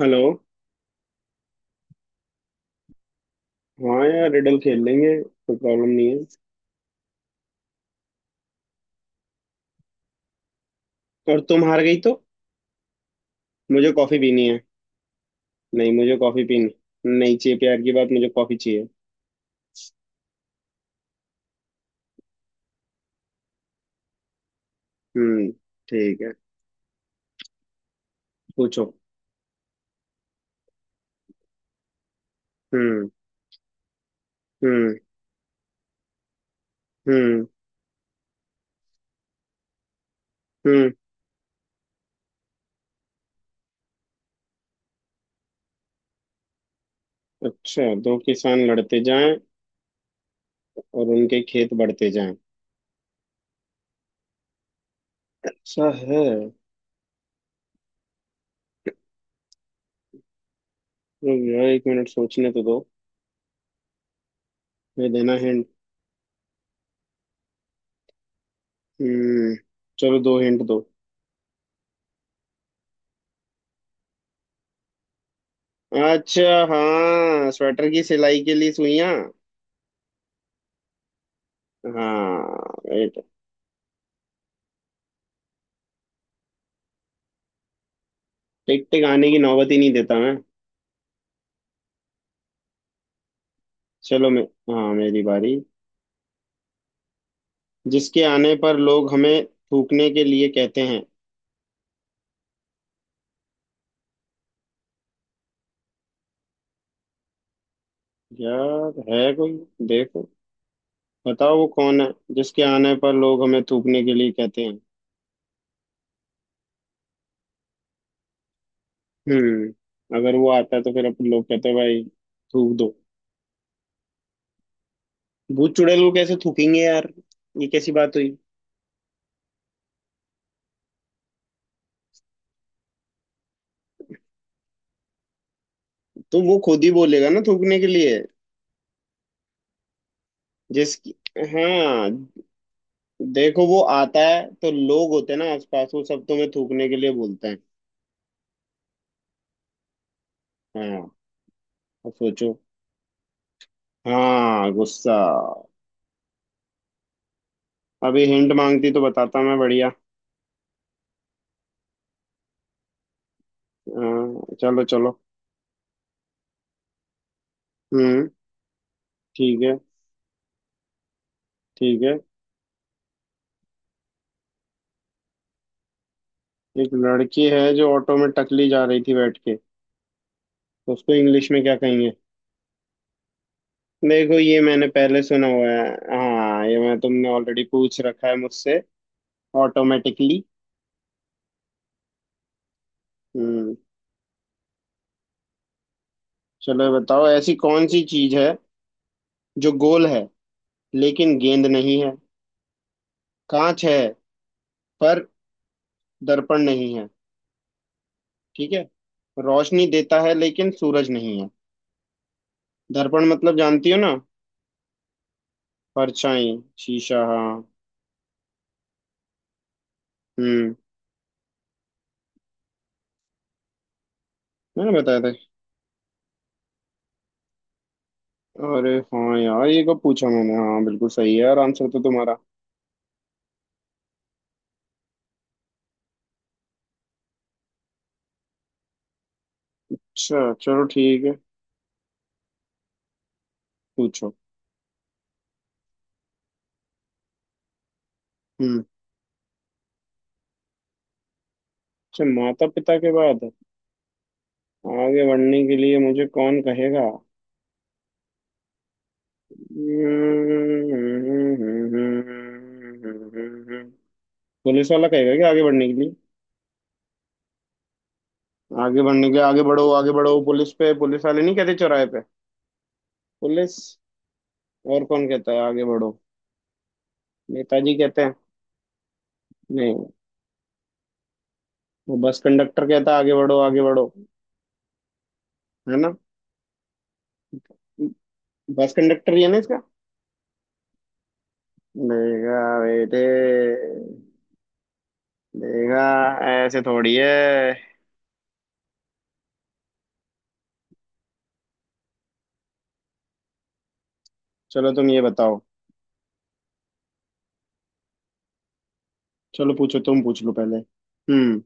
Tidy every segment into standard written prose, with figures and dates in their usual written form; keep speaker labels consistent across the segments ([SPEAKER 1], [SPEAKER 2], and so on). [SPEAKER 1] Hello. हाँ यार, riddle खेल लेंगे, कोई प्रॉब्लम नहीं है। और तुम हार गई तो मुझे कॉफी पीनी है। नहीं, मुझे कॉफी पीनी नहीं चाहिए, प्यार की बात, मुझे कॉफी चाहिए। हम्म। ठीक है, पूछो। हम्म। हम्म। हम्म। हम्म। अच्छा, दो किसान लड़ते जाएं और उनके खेत बढ़ते जाएं, ऐसा है? रुक जाओ, एक मिनट सोचने तो दो। मैं देना हिंट। हम्म। चलो, दो हिंट दो। अच्छा। हाँ, स्वेटर की सिलाई के लिए सुइयां। हाँ। टिक टिक आने की नौबत ही नहीं देता मैं। चलो, मैं। हाँ, मेरी बारी। जिसके आने पर लोग हमें थूकने के लिए कहते हैं। यार है कोई। देखो, बताओ वो कौन है। जिसके आने पर लोग हमें थूकने के लिए कहते हैं। हम्म, अगर वो आता है तो फिर अपन लोग कहते हैं भाई थूक दो। भूत चुड़ैल को कैसे थूकेंगे यार, ये कैसी बात हुई? तो वो खुद ही बोलेगा ना थूकने के लिए। जिसकी। हाँ। देखो, वो आता है तो लोग होते हैं ना आसपास, वो सब तुम्हें थूकने के लिए बोलते हैं। हाँ। अब सोचो। हाँ, गुस्सा। अभी हिंट मांगती तो बताता मैं बढ़िया। हाँ, चलो चलो। हम्म। ठीक है। ठीक है। एक लड़की है जो ऑटो में टकली जा रही थी बैठ के, तो उसको इंग्लिश में क्या कहेंगे? देखो, ये मैंने पहले सुना हुआ है। हाँ, ये मैं तुमने ऑलरेडी पूछ रखा है मुझसे। ऑटोमेटिकली। हम्म। चलो, ये बताओ ऐसी कौन सी चीज है जो गोल है लेकिन गेंद नहीं है। कांच है पर दर्पण नहीं। ठीक है। रोशनी देता है लेकिन सूरज नहीं है। दर्पण मतलब जानती हो ना। परछाई। शीशा, हाँ। हम्म। मैंने बताया था। अरे हाँ यार, ये कब पूछा मैंने? हाँ, बिल्कुल सही है यार आंसर तो तुम्हारा। अच्छा, चलो ठीक है। पूछो। हम्म। अच्छा, माता पिता के बाद आगे बढ़ने के लिए मुझे कौन कहेगा? पुलिस वाला कहेगा क्या आगे बढ़ने के लिए? आगे बढ़ने के लिए, आगे बढ़ो पुलिस पे, पुलिस वाले नहीं कहते चौराहे पे। पुलिस। और कौन कहता है आगे बढ़ो? नेताजी कहते हैं? नहीं। वो बस कंडक्टर कहता है आगे बढ़ो आगे बढ़ो, है ना? बस कंडक्टर ही है ना इसका। देखा बेटे। देखा, ऐसे थोड़ी है। चलो, तुम ये बताओ। चलो पूछो, तुम पूछ लो पहले। हम्म।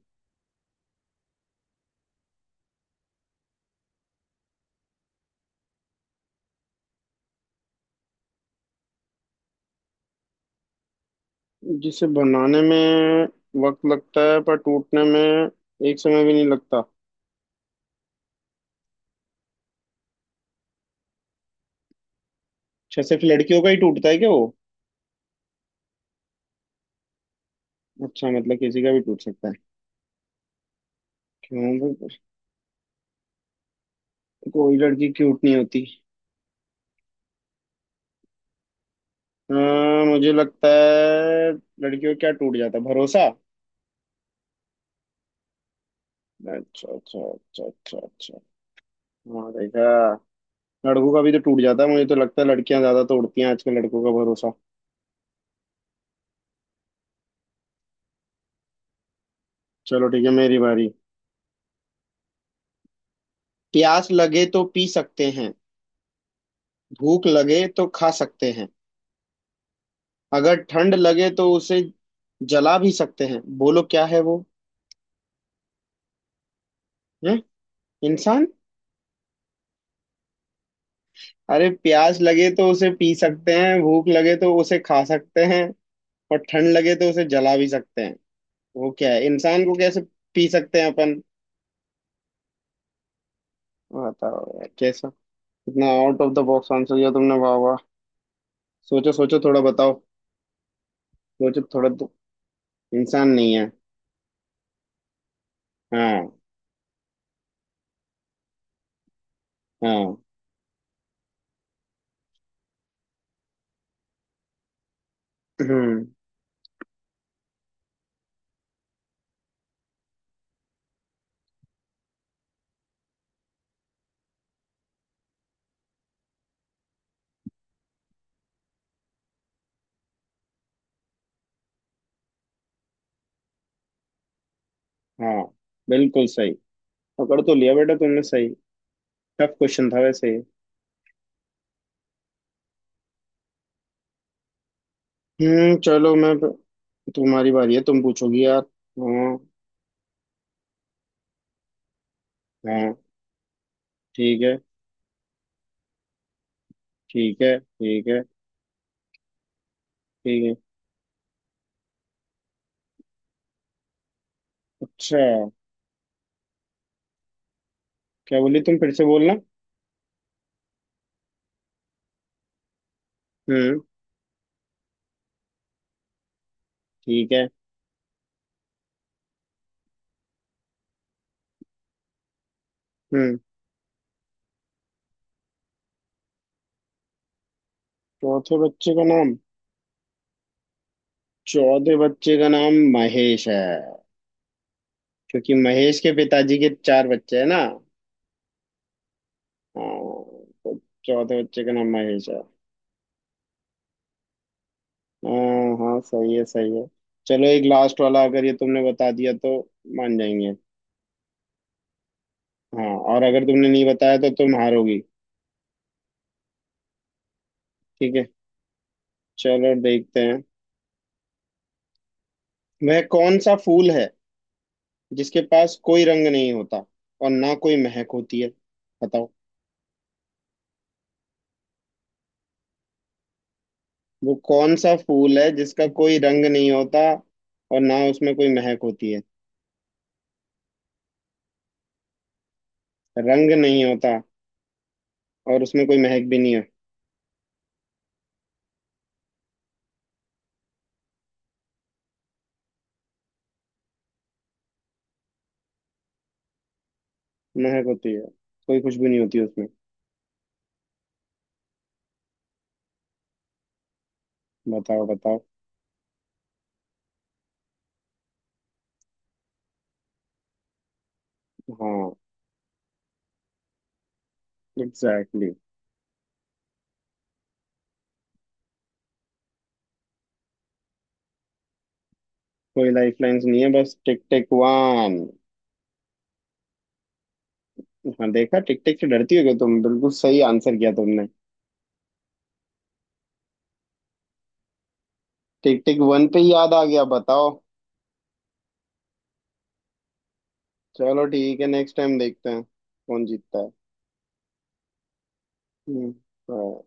[SPEAKER 1] जिसे बनाने में वक्त लगता है पर टूटने में एक समय भी नहीं लगता। अच्छा, सिर्फ लड़कियों का ही टूटता है क्या वो? अच्छा, मतलब किसी का भी टूट सकता है। क्यों? कोई लड़की क्यूट नहीं होती? हाँ, मुझे लगता है लड़कियों का क्या टूट जाता है? भरोसा। अच्छा अच्छा अच्छा अच्छा अच्छा। हाँ, देखा। लड़कों का भी तो टूट जाता है, मुझे तो लगता है लड़कियां ज्यादा तोड़ती हैं आजकल लड़कों का भरोसा। चलो ठीक है, मेरी बारी। प्यास लगे तो पी सकते हैं, भूख लगे तो खा सकते हैं, अगर ठंड लगे तो उसे जला भी सकते हैं, बोलो क्या है वो? हैं? इंसान? अरे, प्यास लगे तो उसे पी सकते हैं, भूख लगे तो उसे खा सकते हैं, और ठंड लगे तो उसे जला भी सकते हैं। वो क्या है? इंसान को कैसे पी सकते हैं अपन, बताओ यार कैसा। इतना out of the box answer दिया तुमने, वाह वाह। सोचो सोचो, थोड़ा बताओ। सोचो थोड़ा तो, इंसान नहीं है। हाँ। हाँ। हम्म। हाँ, बिल्कुल सही। पकड़ तो लिया बेटा तुमने सही। टफ क्वेश्चन था वैसे ये। हम्म, चलो मैं। तुम्हारी बारी है, तुम पूछोगी यार। हाँ। हाँ, ठीक है। ठीक है। ठीक है। ठीक है। अच्छा, क्या बोली तुम, फिर से बोलना। हम्म। ठीक है। हम्म। चौथे बच्चे का नाम। चौथे बच्चे का नाम महेश है, क्योंकि महेश के पिताजी के चार बच्चे हैं ना। हाँ, तो चौथे बच्चे का नाम महेश है। हाँ हाँ, सही है सही है। चलो, एक लास्ट वाला, अगर ये तुमने बता दिया तो मान जाएंगे। हाँ, और अगर तुमने नहीं बताया तो तुम हारोगी। ठीक है, चलो देखते हैं। वह कौन सा फूल है जिसके पास कोई रंग नहीं होता और ना कोई महक होती है? बताओ, वो कौन सा फूल है जिसका कोई रंग नहीं होता और ना उसमें कोई महक होती है? रंग नहीं होता और उसमें कोई महक भी नहीं है। महक होती है, कोई खुशबू नहीं होती उसमें। बताओ बताओ। हाँ, एग्जैक्टली exactly। कोई लाइफ लाइन्स नहीं है, बस टिक टिक वन। हाँ देखा, टिक टिक से डरती हो क्या तुम? बिल्कुल सही आंसर किया तुमने। टिक टिक वन पे ही याद आ गया बताओ। चलो ठीक है, नेक्स्ट टाइम देखते हैं कौन जीतता है। हम्म।